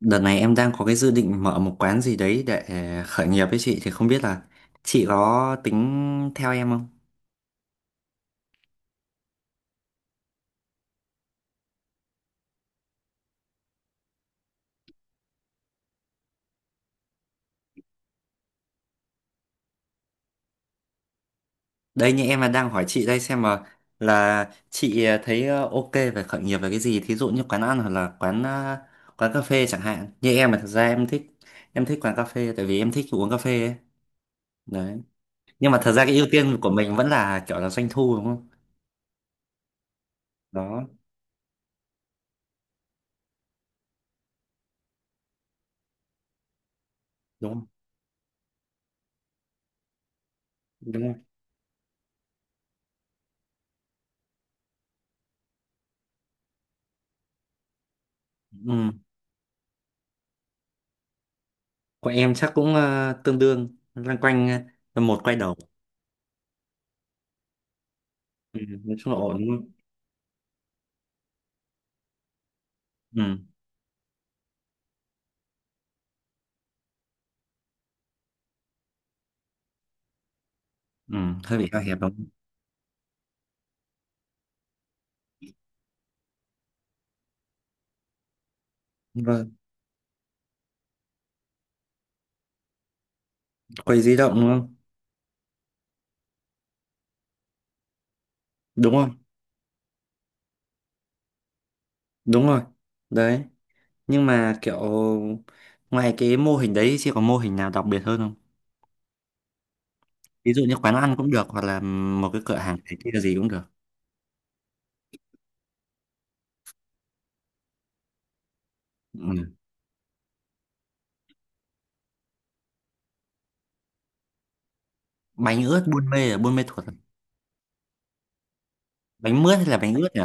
Đợt này em đang có cái dự định mở một quán gì đấy để khởi nghiệp với chị thì không biết là chị có tính theo em không? Đây như em là đang hỏi chị đây xem mà là chị thấy ok về khởi nghiệp về cái gì, thí dụ như quán ăn hoặc là quán cà phê chẳng hạn. Như em là thật ra em thích quán cà phê tại vì em thích uống cà phê ấy. Đấy. Nhưng mà thật ra cái ưu tiên của mình vẫn là kiểu là doanh thu, đúng không? Đó, đúng không? Đúng không? Ừ. Của em chắc cũng tương đương loanh quanh một quay đầu. Ừ, nói chung là ổn đúng không? Ừ, ừ, hơi bị hạn hẹp đúng không? Vâng, quầy di động đúng không? Đúng rồi. Đúng rồi. Đấy, nhưng mà kiểu ngoài cái mô hình đấy thì có mô hình nào đặc biệt hơn không? Ví dụ như quán ăn cũng được hoặc là một cái cửa hàng cái kia gì cũng được. Ừ. Bánh ướt Buôn Mê là Buôn Mê Thuột à? Bánh mướt hay là bánh ướt nhỉ?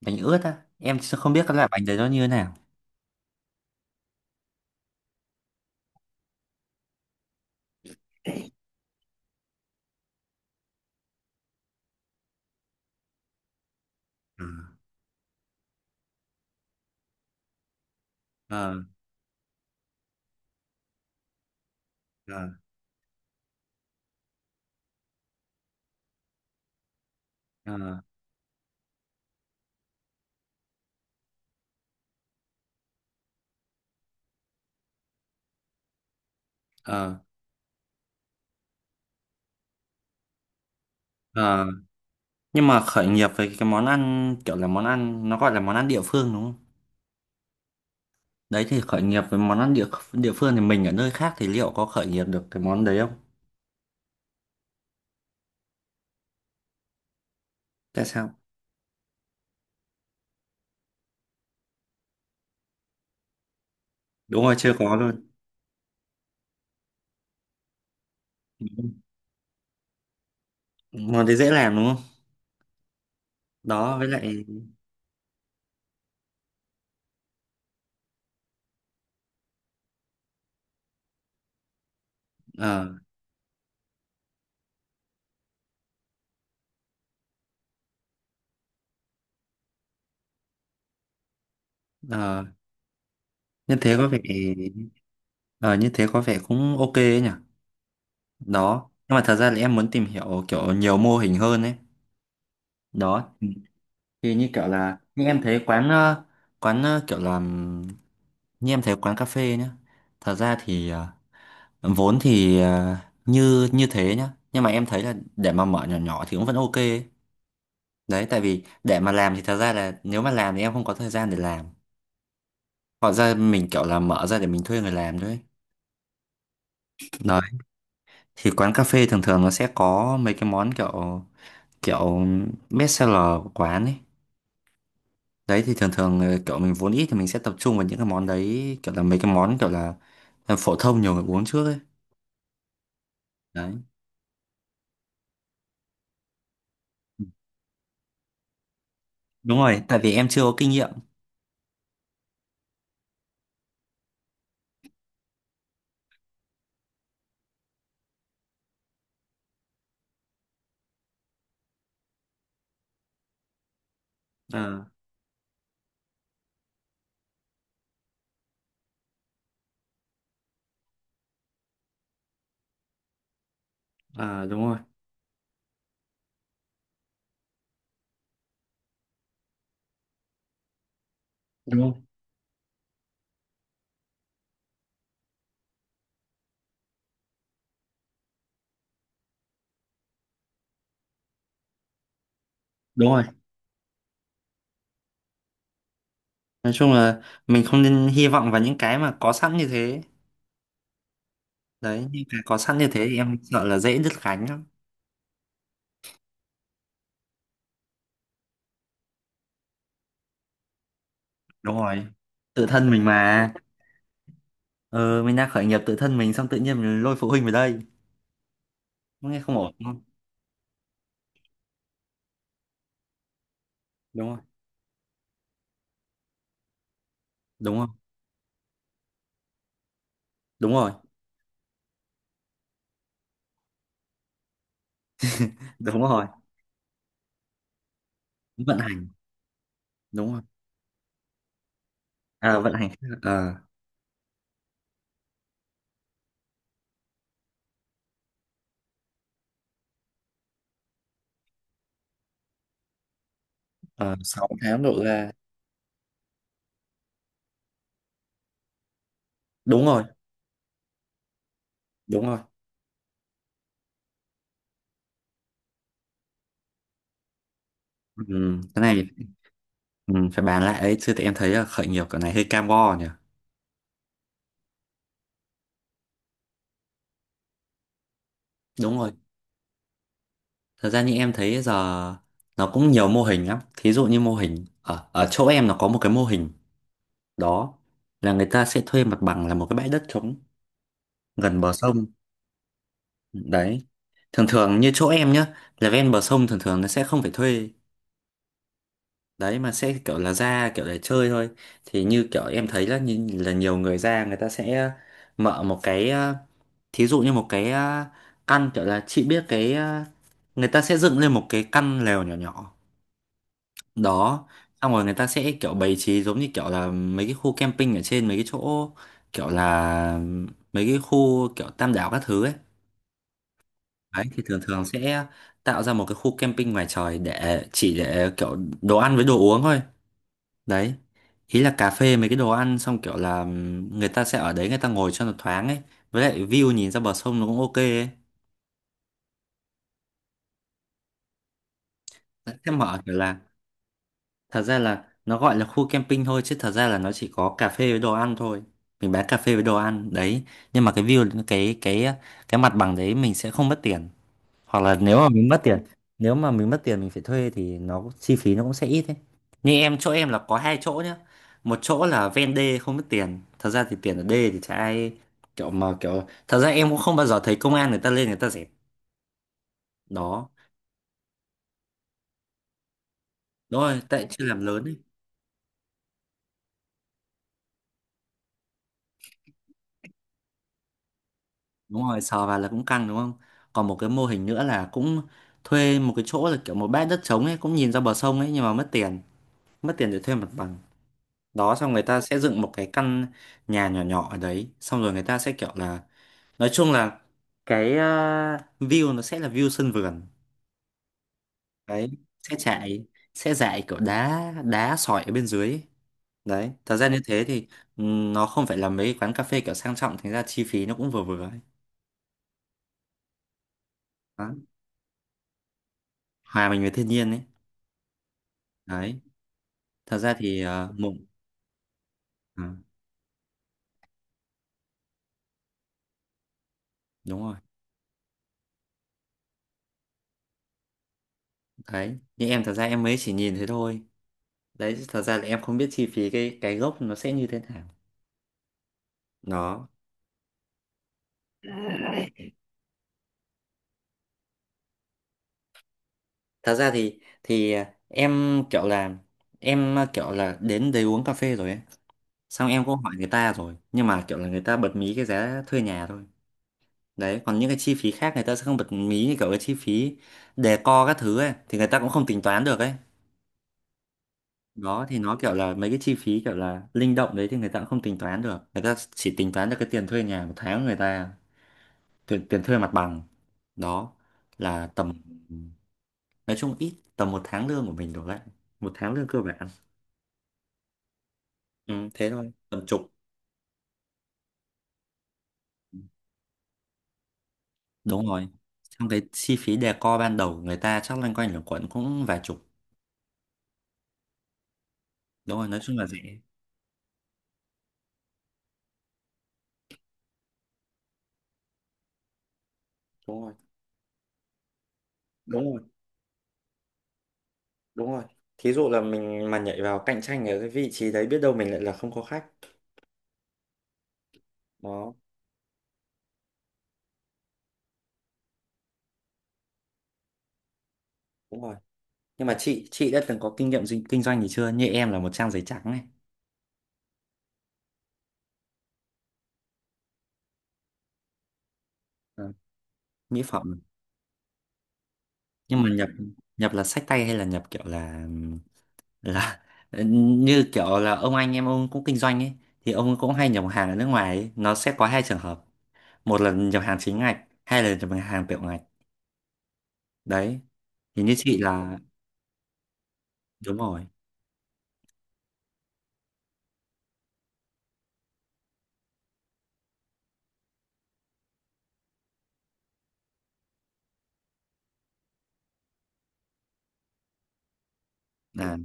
Bánh ướt á. Em sẽ không biết cái loại bánh đấy nó như thế nào. Ừ. Ờ, ờ, ờ, ờ, ờ. Nhưng mà khởi nghiệp với cái món ăn kiểu là món ăn nó gọi là món ăn địa phương đúng không? Đấy thì khởi nghiệp với món ăn địa địa phương thì mình ở nơi khác thì liệu có khởi nghiệp được cái món đấy không? Tại sao? Đúng rồi, chưa có luôn. Đúng. Món đấy dễ làm đúng không? Đó với lại ờ ờ, như thế có vẻ ờ như thế có vẻ cũng ok ấy nhỉ. Đó. Nhưng mà thật ra là em muốn tìm hiểu kiểu nhiều mô hình hơn ấy. Đó. Thì như kiểu là như em thấy kiểu làm như em thấy quán cà phê nhá. Thật ra thì ờ, vốn thì ờ, như như thế nhá. Nhưng mà em thấy là để mà mở nhỏ nhỏ thì cũng vẫn ok ấy. Đấy, tại vì để mà làm thì thật ra là nếu mà làm thì em không có thời gian để làm. Hoặc ra mình kiểu là mở ra để mình thuê người làm thôi ấy. Đấy, thì quán cà phê thường thường nó sẽ có mấy cái món kiểu kiểu best seller của quán ấy. Đấy thì thường thường kiểu mình vốn ít thì mình sẽ tập trung vào những cái món đấy kiểu là mấy cái món kiểu là phổ thông nhiều người uống trước ấy. Đấy. Đúng rồi, tại vì em chưa có kinh nghiệm. Ờ, à, đúng rồi. Đúng rồi. Đúng rồi. Nói chung là mình không nên hy vọng vào những cái mà có sẵn như thế, đấy những cái có sẵn như thế thì em sợ là dễ đứt gánh lắm. Đúng rồi, tự thân mình mà, ờ mình đang khởi nghiệp tự thân mình xong tự nhiên mình lôi phụ huynh vào đây nghe không ổn đúng không? Đúng rồi. Đúng không? Đúng rồi. Đúng rồi. Vận hành, đúng rồi. À, vận hành. ờ ờ sáu tháng độ ra. Đúng rồi. Đúng rồi. Ừ, cái này ừ, phải bàn lại ấy chứ thì em thấy là khởi nghiệp cái này hơi cam go nhỉ. Đúng rồi. Thật ra như em thấy giờ nó cũng nhiều mô hình lắm. Thí dụ như mô hình ở, ở chỗ em nó có một cái mô hình đó là người ta sẽ thuê mặt bằng là một cái bãi đất trống gần bờ sông. Đấy. Thường thường như chỗ em nhá, là ven bờ sông thường thường nó sẽ không phải thuê. Đấy mà sẽ kiểu là ra kiểu để chơi thôi. Thì như kiểu em thấy là như là nhiều người ra người ta sẽ mở một thí dụ như một căn kiểu là chị biết người ta sẽ dựng lên một cái căn lều nhỏ nhỏ đó xong rồi người ta sẽ kiểu bày trí giống như kiểu là mấy cái khu camping ở trên mấy cái chỗ kiểu là mấy cái khu kiểu Tam Đảo các thứ ấy, đấy thì thường thường sẽ tạo ra một cái khu camping ngoài trời để chỉ để kiểu đồ ăn với đồ uống thôi đấy, ý là cà phê mấy cái đồ ăn xong kiểu là người ta sẽ ở đấy người ta ngồi cho nó thoáng ấy với lại view nhìn ra bờ sông nó cũng ok ấy. Sẽ mở kiểu là thật ra là nó gọi là khu camping thôi chứ thật ra là nó chỉ có cà phê với đồ ăn thôi. Mình bán cà phê với đồ ăn đấy. Nhưng mà cái view cái cái mặt bằng đấy mình sẽ không mất tiền. Hoặc là nếu mà mình mất tiền, nếu mà mình mất tiền mình phải thuê thì nó chi phí nó cũng sẽ ít đấy. Như em chỗ em là có hai chỗ nhá. Một chỗ là ven đê không mất tiền. Thật ra thì tiền ở đê thì chả ai kiểu mà kiểu thật ra em cũng không bao giờ thấy công an người ta lên người ta dẹp. Đó. Đúng rồi, tại chưa làm lớn ấy. Đúng rồi sờ vào là cũng căng đúng không? Còn một cái mô hình nữa là cũng thuê một cái chỗ là kiểu một bãi đất trống ấy cũng nhìn ra bờ sông ấy nhưng mà mất tiền, mất tiền để thuê mặt bằng đó, xong người ta sẽ dựng một cái căn nhà nhỏ nhỏ ở đấy xong rồi người ta sẽ kiểu là nói chung là cái ờ, view nó sẽ là view sân vườn đấy, sẽ chạy sẽ dạy kiểu đá đá sỏi ở bên dưới ấy. Đấy thật ra như thế thì nó không phải là mấy quán cà phê kiểu sang trọng thành ra chi phí nó cũng vừa vừa ấy. Đó. Hòa mình với thiên nhiên ấy, đấy. Thật ra thì ờ, một ừ, đúng rồi. Đấy như em thật ra em mới chỉ nhìn thế thôi, đấy thật ra là em không biết chi phí cái gốc nó sẽ như thế nào. Đó. Thật ra thì em kiểu là em kiểu là đến đấy uống cà phê rồi ấy xong em cũng hỏi người ta rồi nhưng mà kiểu là người ta bật mí cái giá thuê nhà thôi. Đấy còn những cái chi phí khác người ta sẽ không bật mí như kiểu cái chi phí decor các thứ ấy thì người ta cũng không tính toán được ấy. Đó thì nó kiểu là mấy cái chi phí kiểu là linh động đấy thì người ta cũng không tính toán được, người ta chỉ tính toán được cái tiền thuê nhà một tháng người ta, tiền thuê mặt bằng đó là tầm nói chung ít tầm một tháng lương của mình đổ lại, một tháng lương cơ bản. Ừ, thế thôi tầm chục. Đúng rồi, trong cái chi phí decor ban đầu người ta chắc loanh quanh lẩn quẩn cũng vài chục. Đúng rồi nói chung là rẻ. Đúng rồi. Đúng rồi. Đúng rồi. Thí dụ là mình mà nhảy vào cạnh tranh ở cái vị trí đấy biết đâu mình lại là không có khách. Đó, đúng rồi. Nhưng mà chị đã từng có kinh nghiệm kinh doanh gì chưa, như em là một trang giấy trắng này. Ờ, mỹ phẩm. Nhưng mà nhập, nhập là xách tay hay là nhập kiểu là như kiểu là ông anh em ông cũng kinh doanh ấy thì ông cũng hay nhập hàng ở nước ngoài ấy. Nó sẽ có hai trường hợp, một là nhập hàng chính ngạch hai là nhập hàng tiểu ngạch đấy. Thì như chị là đúng rồi là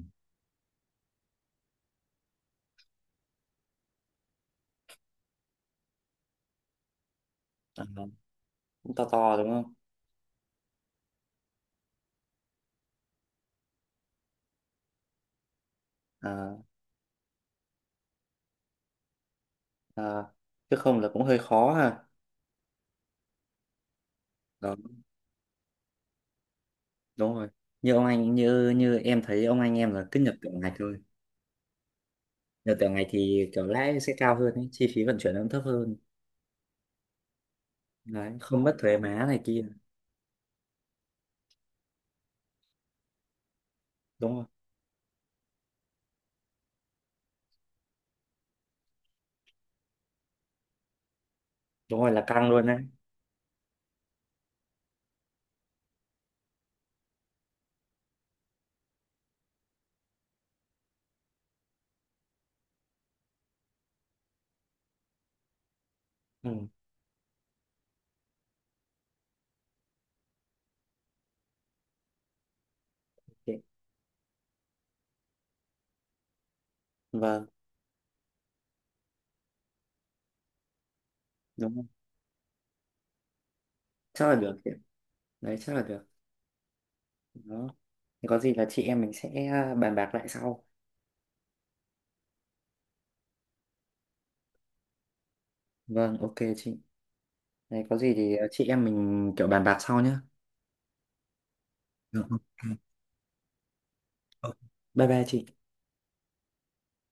ờ, cũng to to đúng không? À, à, chứ không là cũng hơi khó ha. Đó. Đúng rồi, như ông anh như như em thấy ông anh em là cứ nhập tiểu ngạch thôi. Nhập tiểu ngạch thì kiểu lãi sẽ cao hơn ấy, chi phí vận chuyển nó cũng thấp hơn đấy không mất thuế má này kia. Đúng rồi đúng rồi là căng luôn đấy. Ừ. Ok. Vâng. Đúng rồi, chắc là được chị. Đấy chắc là được. Đó. Thì có gì là chị em mình sẽ à, bàn bạc lại sau. Vâng ok chị. Đấy có gì thì à, chị em mình kiểu bàn bạc sau nhá. Được. Ok. Bye bye chị.